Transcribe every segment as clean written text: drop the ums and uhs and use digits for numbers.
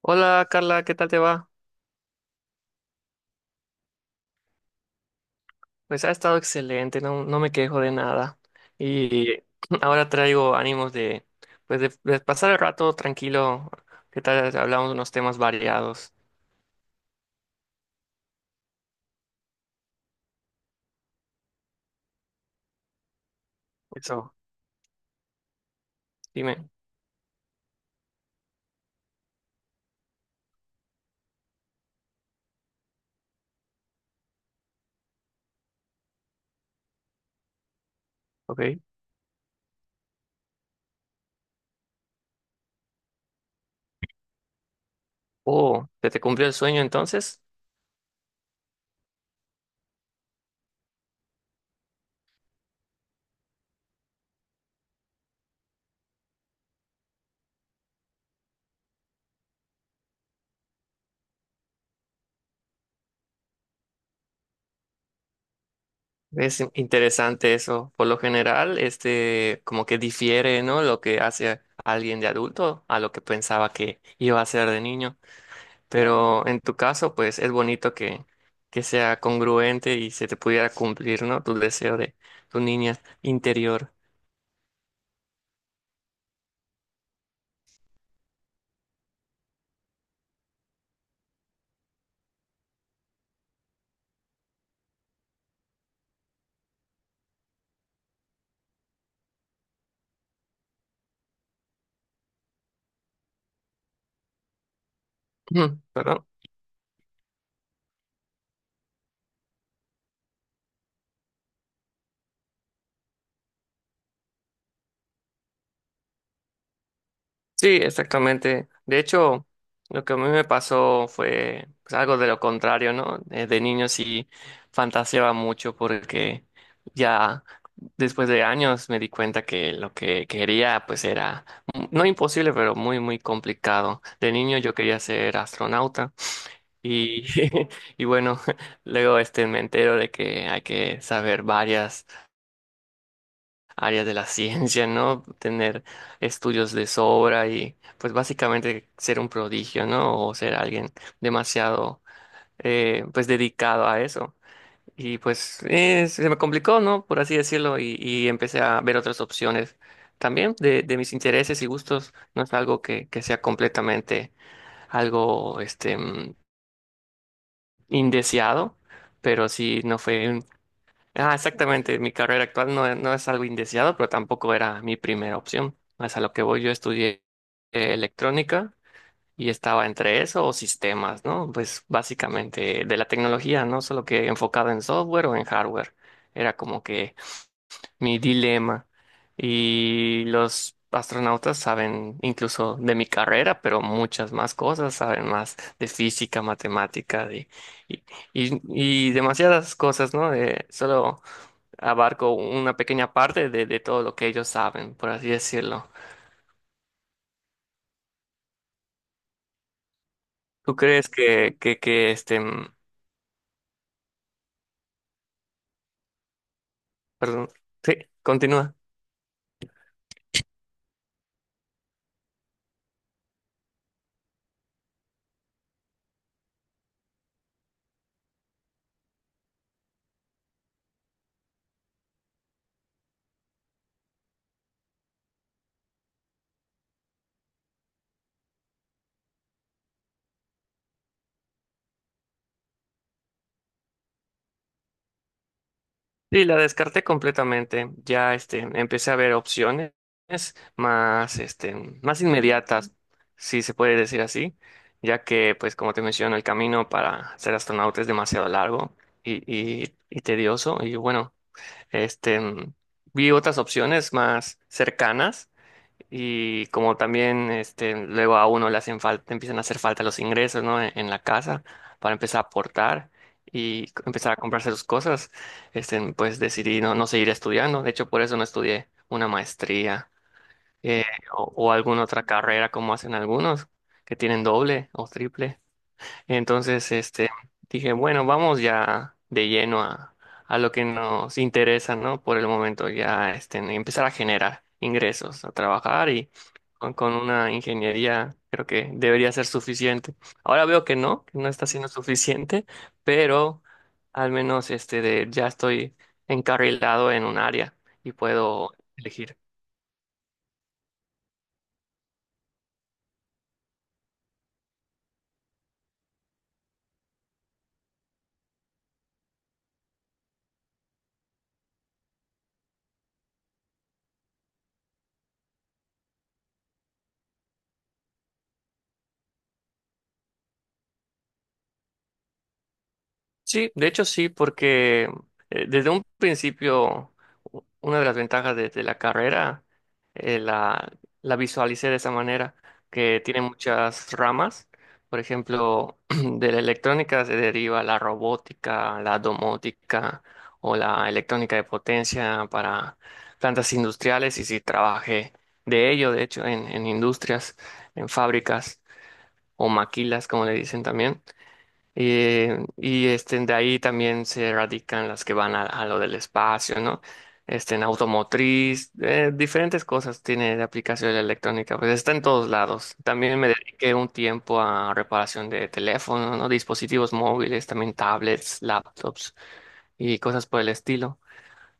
Hola Carla, ¿qué tal te va? Pues ha estado excelente, no, no me quejo de nada. Y ahora traigo ánimos de, pues de pasar el rato tranquilo. ¿Qué tal? Si hablamos de unos temas variados. Eso, dime. Ok. Oh, ¿se te cumplió el sueño entonces? Es interesante eso. Por lo general, como que difiere, ¿no? Lo que hace alguien de adulto a lo que pensaba que iba a ser de niño. Pero en tu caso, pues es bonito que sea congruente y se te pudiera cumplir, ¿no? Tu deseo de tu niña interior. Ujú. ¿Perdón? Sí, exactamente. De hecho, lo que a mí me pasó fue pues algo de lo contrario, ¿no? De niño sí fantaseaba mucho porque ya después de años me di cuenta que lo que quería pues era, no imposible, pero muy, muy complicado. De niño yo quería ser astronauta. Y, y bueno, luego me entero de que hay que saber varias áreas de la ciencia, ¿no? Tener estudios de sobra y pues básicamente ser un prodigio, ¿no? O ser alguien demasiado pues dedicado a eso. Y pues se me complicó, ¿no? Por así decirlo, y empecé a ver otras opciones también de mis intereses y gustos. No es algo que sea completamente algo indeseado, pero sí no Ah, exactamente, mi carrera actual no, no es algo indeseado, pero tampoco era mi primera opción. Es a lo que voy, yo estudié electrónica y estaba entre eso o sistemas, ¿no? Pues básicamente de la tecnología, no solo que enfocado en software o en hardware. Era como que mi dilema. Y los astronautas saben incluso de mi carrera, pero muchas más cosas, saben más de física, matemática, de, y, y- y demasiadas cosas, ¿no? Solo abarco una pequeña parte de todo lo que ellos saben, por así decirlo. ¿Tú crees que perdón, sí, continúa. Y la descarté completamente. Ya empecé a ver opciones más, más inmediatas, si se puede decir así, ya que, pues, como te menciono, el camino para ser astronauta es demasiado largo y, y tedioso. Y bueno, este, vi otras opciones más cercanas y como también luego a uno le hacen falta, empiezan a hacer falta los ingresos, ¿no? En la casa para empezar a aportar empezar a comprarse sus cosas, pues decidí no, no seguir estudiando. De hecho, por eso no estudié una maestría eh, o alguna otra carrera como hacen algunos que tienen doble o triple. Entonces, dije, bueno, vamos ya de lleno a lo que nos interesa, ¿no? Por el momento, ya empezar a generar ingresos, a trabajar y con una ingeniería creo que debería ser suficiente. Ahora veo que no está siendo suficiente, pero al menos de, ya estoy encarrilado en un área y puedo elegir. Sí, de hecho sí, porque desde un principio una de las ventajas de la carrera la, la visualicé de esa manera, que tiene muchas ramas. Por ejemplo, de la electrónica se deriva la robótica, la domótica o la electrónica de potencia para plantas industriales y si trabajé de ello, de hecho, en industrias, en fábricas o maquilas, como le dicen también. Y de ahí también se radican las que van a lo del espacio, ¿no? En automotriz, diferentes cosas tiene de aplicación la electrónica, pues está en todos lados. También me dediqué un tiempo a reparación de teléfonos, ¿no? Dispositivos móviles, también tablets, laptops y cosas por el estilo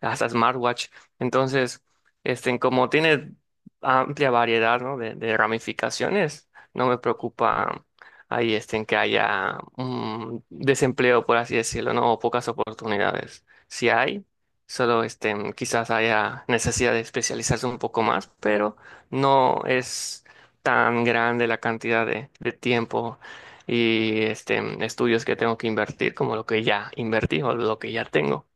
hasta smartwatch. Entonces, como tiene amplia variedad, ¿no? De ramificaciones, no me preocupa ahí en que haya un desempleo, por así decirlo, ¿no? O pocas oportunidades. Si hay, solo quizás haya necesidad de especializarse un poco más, pero no es tan grande la cantidad de tiempo y estudios que tengo que invertir como lo que ya invertí o lo que ya tengo.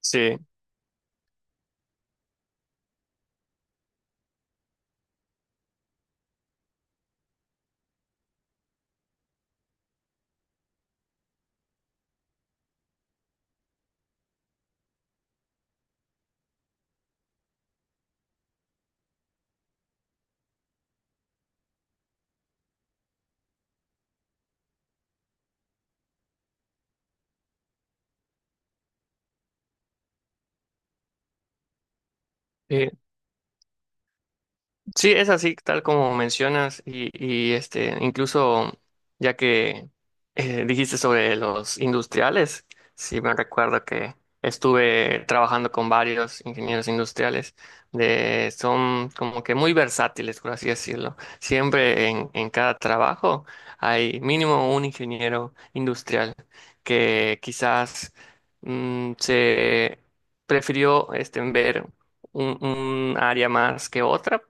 Sí. Sí. Sí, es así, tal como mencionas, y, incluso ya que dijiste sobre los industriales, sí me recuerdo que estuve trabajando con varios ingenieros industriales, de, son como que muy versátiles, por así decirlo. Siempre en cada trabajo hay mínimo un ingeniero industrial que quizás se prefirió ver un un área más que otra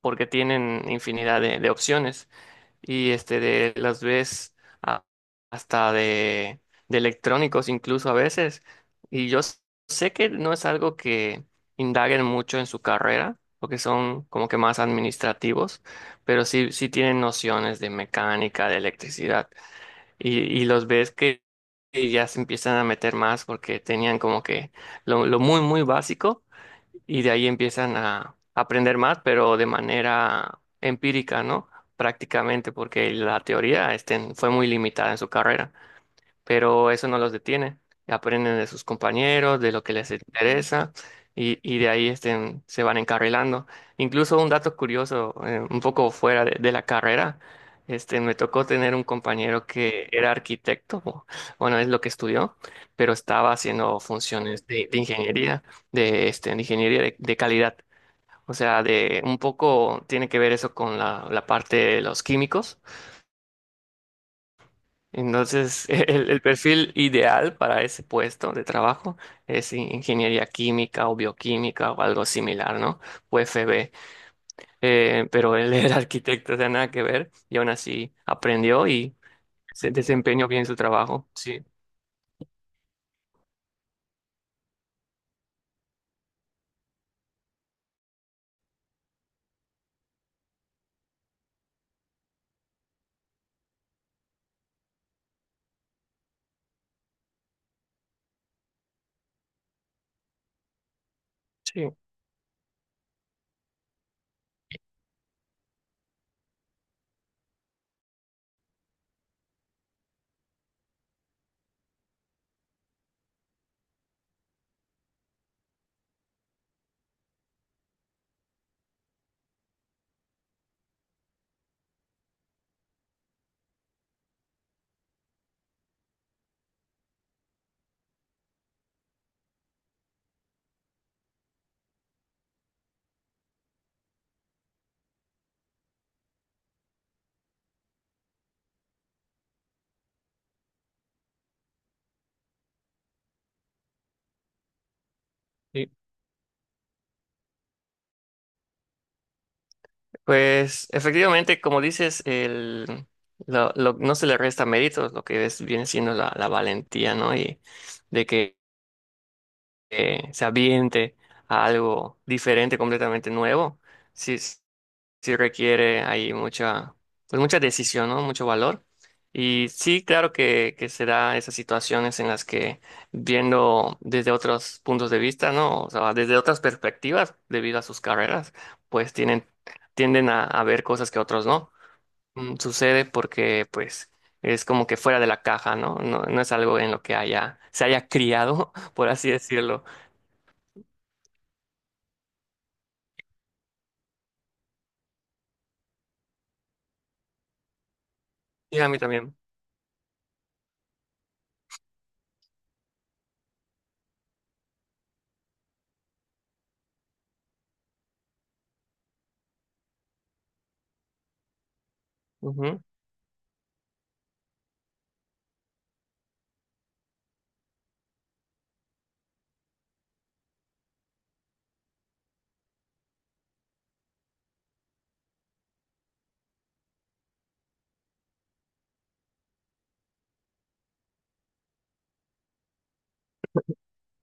porque tienen infinidad de opciones y de las ves a- hasta de electrónicos incluso a veces y yo sé que no es algo que indaguen mucho en su carrera porque son como que más administrativos, pero sí, sí tienen nociones de mecánica, de electricidad y los ves que ya se empiezan a meter más porque tenían como que lo muy muy básico y de ahí empiezan a aprender más, pero de manera empírica, ¿no? Prácticamente, porque la teoría fue muy limitada en su carrera, pero eso no los detiene. Aprenden de sus compañeros, de lo que les interesa y de ahí se van encarrilando. Incluso un dato curioso, un poco fuera de la carrera, me tocó tener un compañero que era arquitecto, bueno, es lo que estudió, pero estaba haciendo funciones de ingeniería, de, de ingeniería de calidad. O sea, de un poco tiene que ver eso con la, la parte de los químicos, entonces el perfil ideal para ese puesto de trabajo es ingeniería química o bioquímica o algo similar, ¿no? UFB. Pero él era arquitecto, o sea, nada que ver, y aún así aprendió y se desempeñó bien su trabajo. Sí, sí, sí. Pues efectivamente, como dices, no se le resta méritos, lo que es, viene siendo la, la valentía, ¿no? Y de que se aviente a algo diferente, completamente nuevo, sí, sí requiere ahí mucha, pues mucha decisión, ¿no? Mucho valor. Y sí, claro que se da esas situaciones en las que viendo desde otros puntos de vista, ¿no? O sea, desde otras perspectivas, debido a sus carreras, pues tienen, tienden a ver cosas que otros no. Sucede porque, pues, es como que fuera de la caja, ¿no? No, no es algo en lo que haya, se haya criado, por así decirlo. Y a mí también. Ujú.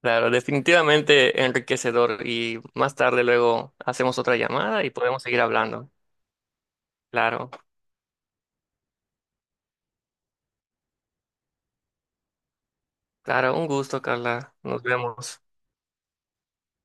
Claro, definitivamente enriquecedor. Y más tarde luego hacemos otra llamada y podemos seguir hablando. Claro, claro, un gusto, Carla. Nos vemos.